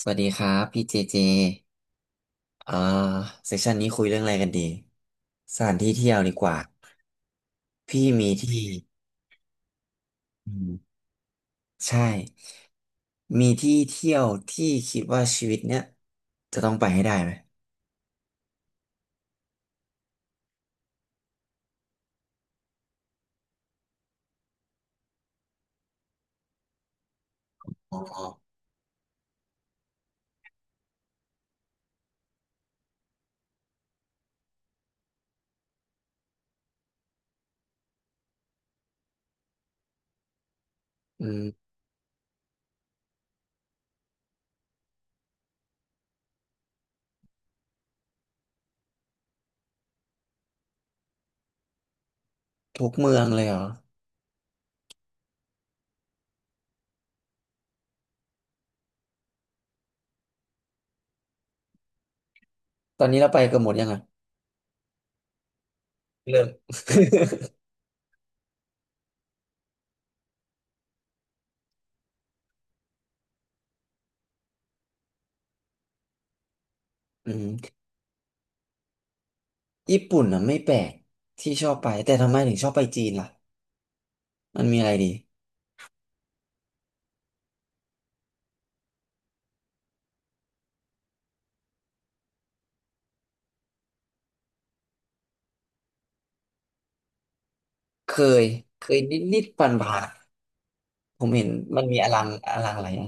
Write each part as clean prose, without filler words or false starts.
สวัสดีครับพี่เจเจอ่าเซสชันนี้คุยเรื่องอะไรกันดีสถานที่เที่ยวดีกว่าพี่มีที่อืมใช่มีที่เที่ยวที่คิดว่าชีวิตเนี้ยจะต้องไปให้ได้ไหมอ๋ออืมทุกเมืองเลยเหรอตอนนี้เราไปกันหมดยังอ่ะเริ่ม อืมญี่ปุ่นอ่ะไม่แปลกที่ชอบไปแต่ทำไมถึงชอบไปจีนล่ะมันมีอะไรดีเคยนิดนิดปันผ่านๆผมเห็นมันมีอลังอะไรอะ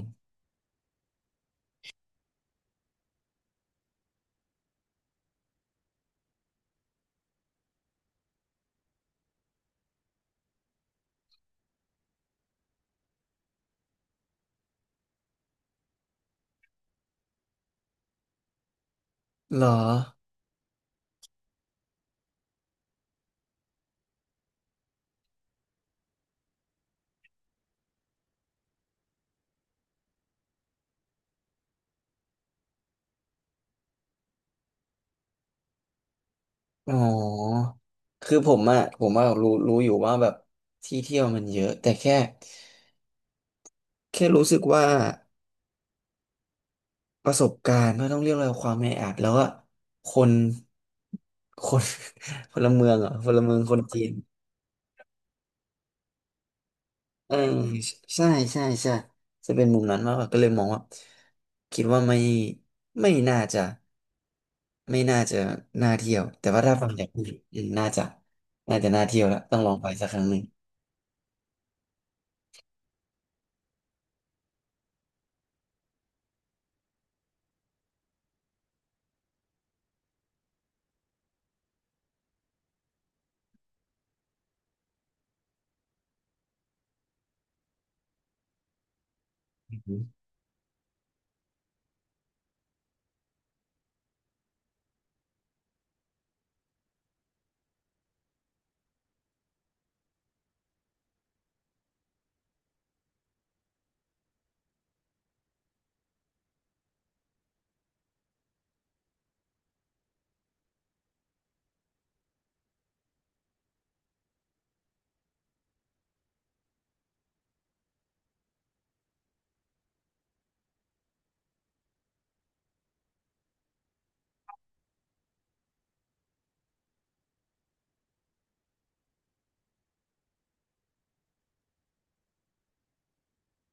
เหรอ อ๋อ คือผมอะรู้อยู่ว่าแบบที่เที่ยวมันเยอะแต่แค่รู้สึกว่าประสบการณ์ไม่ต้องเรียกอะไรความแออัดแล้วก็คน คนพลเมืองเหรอ่ะพลเมืองคนจีนเออใช่ใช่ใช่จะเป็นมุมนั้นมากกว่าก็เลยมองว่าคิดว่าไม่น่าจะไม่น่าจะน่าเที่ยวแต่ว่าถ้าฟังจากคุณอืมน่าจะน่าเที่ยวแล้วต้องลองไปสักครั้งหนึ่ง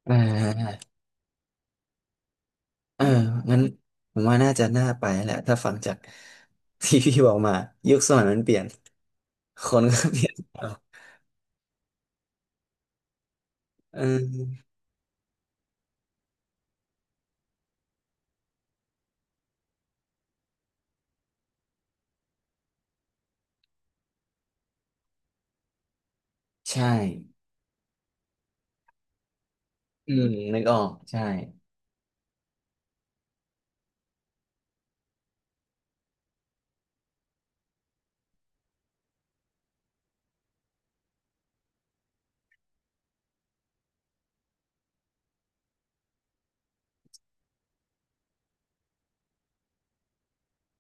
อ่าเอองั้นผมว่าน่าจะน่าไปแหละถ้าฟังจาก ที่พี่บอกมายุคสมัยมันเปลี่ยนคนก็เปลี่ยนเอาเออใช่อืมนึกออกใช่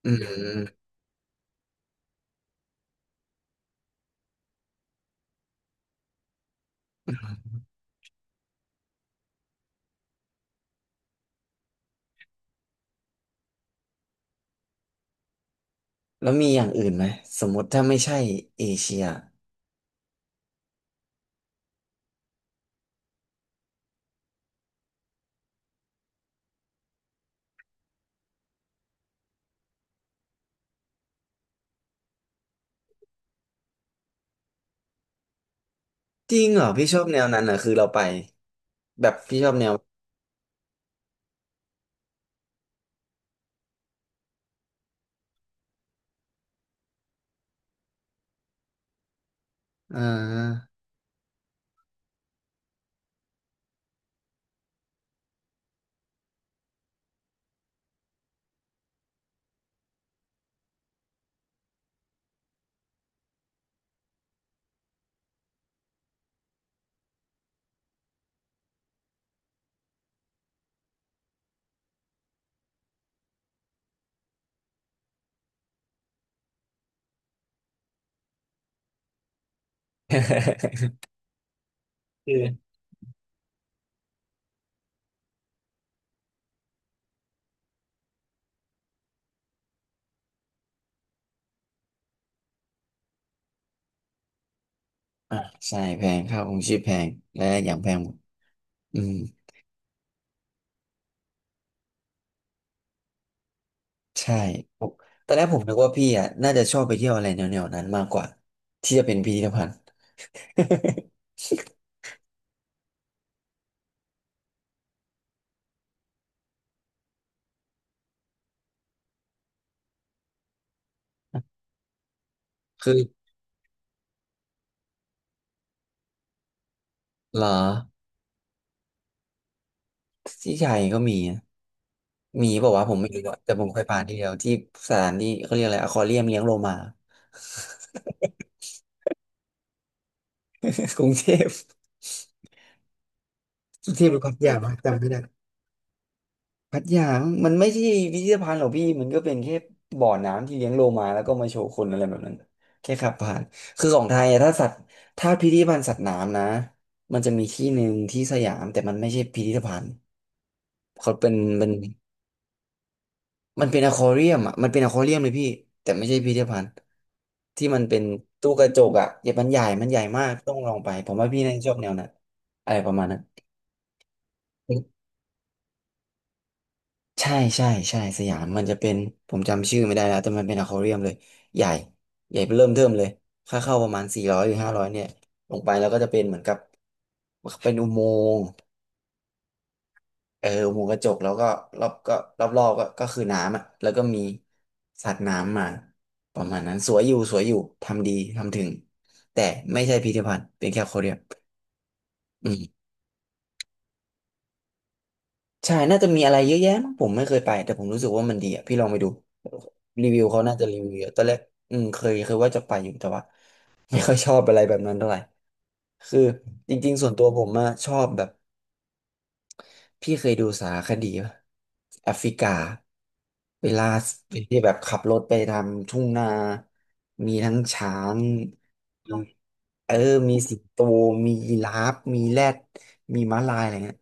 อืมแล้วมีอย่างอื่นไหมสมมติถ้าไม่ใช่เอเชียจริงเหรอพี่ชอบแนวนั้นเหรอคือเราไปแบบพี่ชอบแนวอ่า คืออ่าใช่แพงค่าครองชีพแพงและอย่างแพงหมดอืม ใช่ผมตอนแรกผมนึกว่าพี่อ่ะน่าจะชอบไปเที่ยวอะไรแนวๆนั้นมากกว่าที่จะเป็นพิพิธภัณฑ์ คือเหรอที่ไทยก็มีนะมีบอกว่าวะผมไม่รู้อะแต่ผมเคยผ่านที่เดียวที่สถานที่เขาเรียกอะไรอควาเรียมเลี้ยงโลมา กรุงเทพกรุงเทพหรือพัทยามั้งจำไม่ได้ พัทยามันไม่ใช่พิพิธภัณฑ์หรอกพี่มันก็เป็นแค่บ่อน้ำที่เลี้ยงโลมาแล้วก็มาโชว์คนอะไรแบบนั้นแค่ขับผ่านคือของไทยอะถ้าสัตว์ถ้าพิพิธภัณฑ์สัตว์น้ำนะมันจะมีที่หนึ่งที่สยามแต่มันไม่ใช่พิพิธภัณฑ์เขาเป็นเป็นมันเป็นอควาเรียมอ่ะมันเป็นอควาเรียมเลยพี่แต่ไม่ใช่พิพิธภัณฑ์ที่มันเป็นตู้กระจกอ่ะเดี๋ยวมันใหญ่มากต้องลองไปผมว่าพี่น่าจะชอบแนวนั้นอะไรประมาณนั้น ใช่ใช่ใช่สยามมันจะเป็นผมจำชื่อไม่ได้แล้วแต่มันเป็นอควาเรียมเลยใหญ่ใหญ่เริ่มเทิ่มเลยค่าเข้าประมาณสี่ร้อยหรือห้าร้อยเนี่ยลงไปแล้วก็จะเป็นเหมือนกับเป็นอุโมงค์เอออุโมงค์กระจกแล้วก็รอบก็รอบก็คือน้ำอ่ะแล้วก็มีสัตว์น้ำมาประมาณนั้นสวยอยู่สวยอยู่ทำดีทำถึงแต่ไม่ใช่พิพิธภัณฑ์เป็นแค่อควาเรียม ใช่น่าจะมีอะไรเยอะแยะมั้งผมไม่เคยไปแต่ผมรู้สึกว่ามันดีอ่ะพี่ลองไปดูรีวิวเขาน่าจะรีวิวเยอะตอนแรกอืมเคยว่าจะไปอยู่แต่ว่า ไม่ค่อยชอบอะไรแบบนั้นเท่าไหร่คือจริงๆส่วนตัวผมอะชอบแบบพี่เคยดูสารคดีปะแอฟริกาเวลาที่แบบขับรถไปทำทุ่งนามีทั้งช้างมีเออมีสิงโตมียีราฟมีแรดมีม้าลายอะไรเงี้ย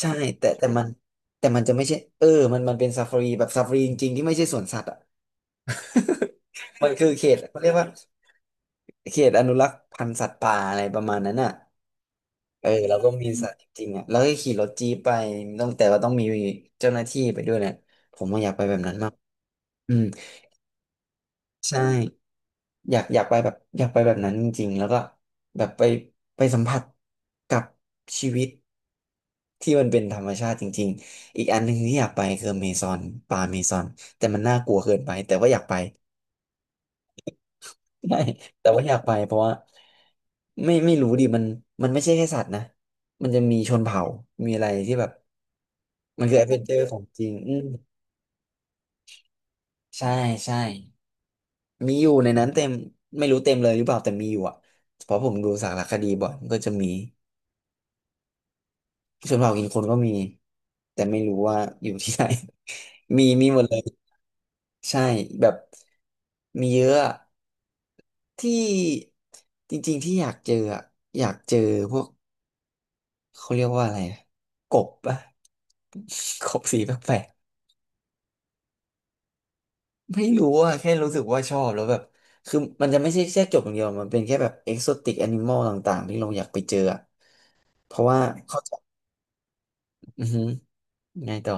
ใช่แต่แต่มันแต่มันจะไม่ใช่เออมันเป็นซาฟารีแบบซาฟารีจริงๆที่ไม่ใช่สวนสัตว์อ่ะ มันคือเขตเขาเรียกว่าเขตอนุรักษ์พันธุ์สัตว์ป่าอะไรประมาณนั้นอ่ะเออเราก็มีสัตว์จริงๆอ่ะแล้วก็ขี่รถจี๊ปไปต้องแต่ว่าต้องมีเจ้าหน้าที่ไปด้วยเนี่ยผมว่าอยากไปแบบนั้นมากอืม ใช่อยากอยากไปแบบอยากไปแบบนั้นจริงๆแล้วก็แบบไปสัมผัสกับชีวิตที่มันเป็นธรรมชาติจริงๆอีกอันหนึ่งที่อยากไปคือเมซอนป่าเมซอนแต่มันน่ากลัวเกินไปแต่ว่าอยากไป ใช่แต่ว่าอยากไปเพราะว่าไม่รู้ดิมันมันไม่ใช่แค่สัตว์นะมันจะมีชนเผ่ามีอะไรที่แบบมันคือแอดเวนเจอร์ของจริงอืมใช่ใช่ มีอยู่ในนั้นเต็มไม่รู้เต็มเลยหรือเปล่าแต่มีอยู่อ่ะเพราะผมดูสารคดีบ่อยมันก็จะมีชนเผ่ากินคนก็มีแต่ไม่รู้ว่าอยู่ที่ไหน มีหมดเลยใช่แบบมีเยอะอะที่จริงๆที่อยากเจออะอยากเจอพวกเขาเรียกว่าอะไรอะกบปะ กบสีแปลก ไม่รู้อะแค่รู้สึกว่าชอบแล้วแบบคือมันจะไม่ใช่แค่จบอย่างเดียวมันเป็นแค่แบบเอ็กโซติกแอนิมอลต่างๆที่เราอยากไปเจออะเพราะว่าเขาจะอือหือไงต่อ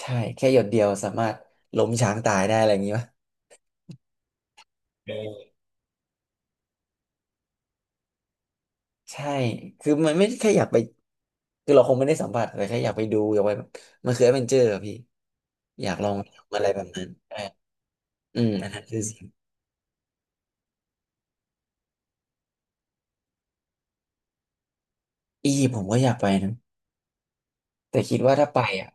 ใช่แค่หยดเดียวสามารถล้มช้างตายได้อะไรอย่างงี้ปะใช่คือมันไม่ได้แค่อยากไปคือเราคงไม่ได้สัมผัสแต่แค่อยากไปดูอยากไปแบบมันคือแอดเวนเจอร์อะพี่อยากลองทำอะไรแบบนั้นใช่อืมอันนั้นคือสิ่งอียิปต์ผมก็อยากไปนะ แต่คิดว่าถ้าไปอ่ะ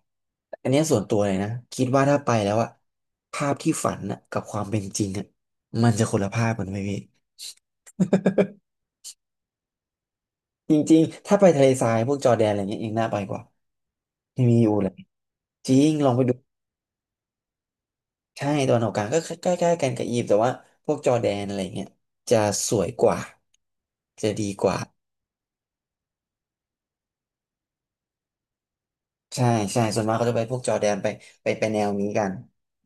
อันเนี้ยส่วนตัวเลยนะคิดว่าถ้าไปแล้วอ่ะภาพที่ฝันอ่ะกับความเป็นจริงอ่ะมันจะคนละภาพกันไหมพี่ จริงๆถ้าไปทะเลทรายพวกจอร์แดนอะไรเงี้ยยังน่าไปกว่าไม่มีอยู่เลยจริงลองไปดูใช่ตะวันออกกลางก็ใกล้ๆกันกับอียิปต์แต่ว่าพวกจอร์แดนอะไรเงี้ยจะสวยกว่าจะดีกว่าใช่ใช่ส่วนมากเขาจะไปพวกจอร์แดนไปไปแนวนี้กัน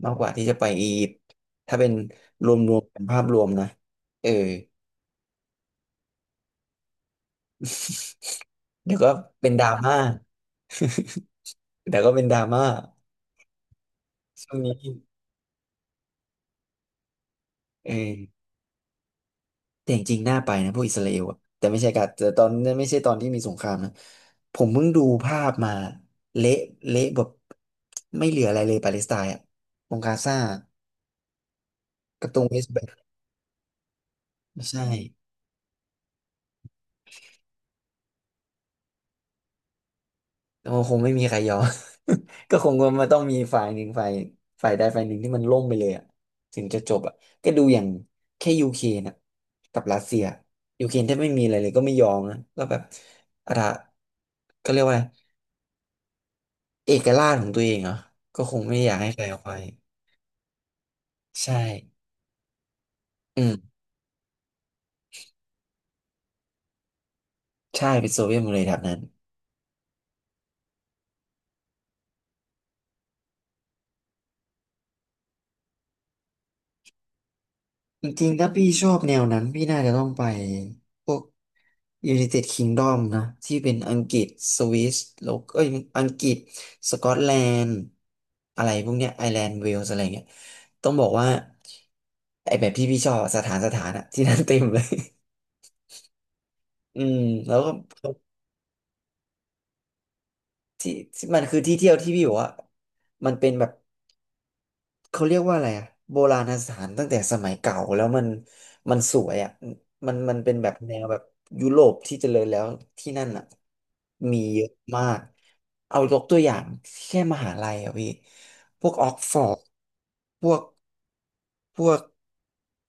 มากกว่าที่จะไปอียิปต์ถ้าเป็นรวมๆเป็นภาพรวมนะเออ เดี๋ยวก็เป็นดราม่า เดี๋ยวก็เป็นดราม่าช่วงนี้เออแต่จริงๆน่าไปนะพวกอิสราเอลอะแต่ไม่ใช่กาแต่ตอนนั้นไม่ใช่ตอนที่มีสงครามนะผมเพิ่งดูภาพมาเละเละแบบไม่เหลืออะไรเลยปาเลสไตน์อะตรงกาซากับตรงเวสต์แบงก์ใช่ โอ้คงไม่มีใครยอม ก็คงว่ามันต้องมีฝ่ายหนึ่งฝ่ายฝ่ายใดฝ่ายหนึ่งที่มันล่มไปเลยอะถึงจะจบอะก็ดูอย่างแค่ยูเครนอะกับรัสเซียยูเครนแทบไม่มีอะไรเลยก็ไม่ยอมนะก็แบบอะไรก็เรียกว่าอะไรเอกราชของตัวเองเหรอก็คงไม่อยากให้ใครเอาไปใช่อืมใช่เป็นโซเวียตหมดเลยแถบนั้น จริงๆถ้าพี่ชอบแนวนั้นพี่น่าจะต้องไปพวก United Kingdom นะที่เป็นอังกฤษสวิสแล้วก็เอ้ยอังกฤษสกอตแลนด์อะไรพวกเนี้ยไอร์แลนด์เวลส์อะไรเงี้ยต้องบอกว่าไอแบบที่พี่ชอบอะสถานสถานอะที่นั่นเต็มเลย อืมแล้วก็ที่ที่มันคือที่เที่ยวที่พี่บอกว่ามันเป็นแบบ เขาเรียกว่าอะไรอะโบราณสถานตั้งแต่สมัยเก่าแล้วมันมันสวยอะมันเป็นแบบแนวแบบยุโรปที่เจริญแล้วที่นั่นอะมีเยอะมากเอายกตัวอย่างแค่มหาลัยอะพี่พวกออกฟอร์ดพวกพวก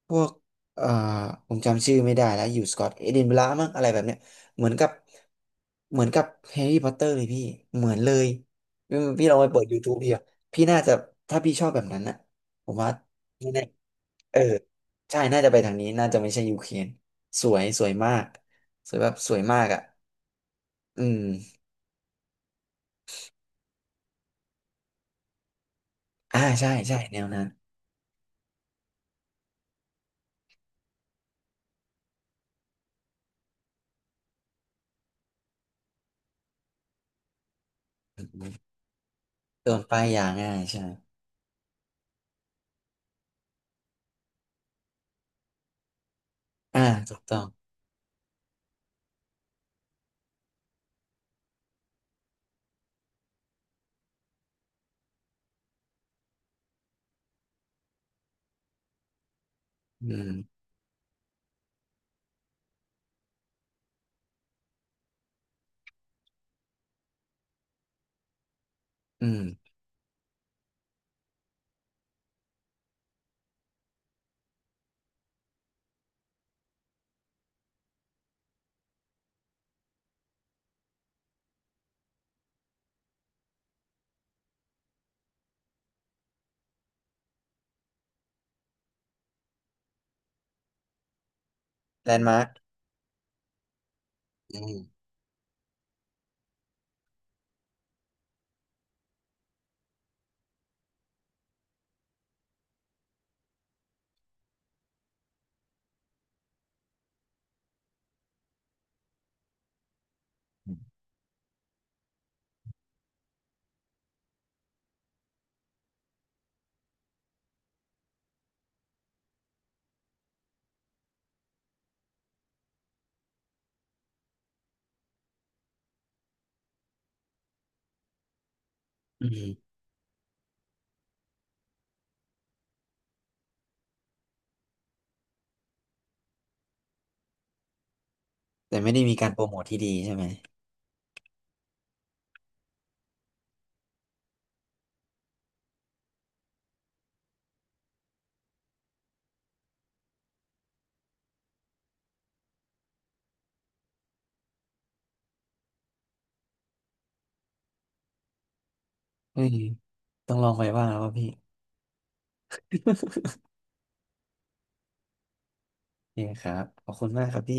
พวกเอ่อผมจำชื่อไม่ได้แล้วอยู่สกอตเอดินบะระมั้งอะไรแบบเนี้ยเหมือนกับเหมือนกับแฮร์รี่พอตเตอร์เลยพี่เหมือนเลยพี่ลองไปเปิด YouTube ดิ พี่น่าจะถ้าพี่ชอบแบบนั้นนะผมว่าไม่แน่เออใช่น่าจะไปทางนี้น่าจะไม่ใช่ยูเครนสวยสวยมากสวยแบบสวยมากอ่ะอืมอ่าใช่ใช่แนวนั้นโดนป้ายยาง่ายใช่อ่าถูกต้องอืมอืมแลนด์มาร์คอืมอืมแต่ไม่ได้มีการโปรโมทที่ดีใช่ไหมอืมต้องลองไปบ้างแล้วว่าพี่นี่คครับขอบคุณมากครับพี่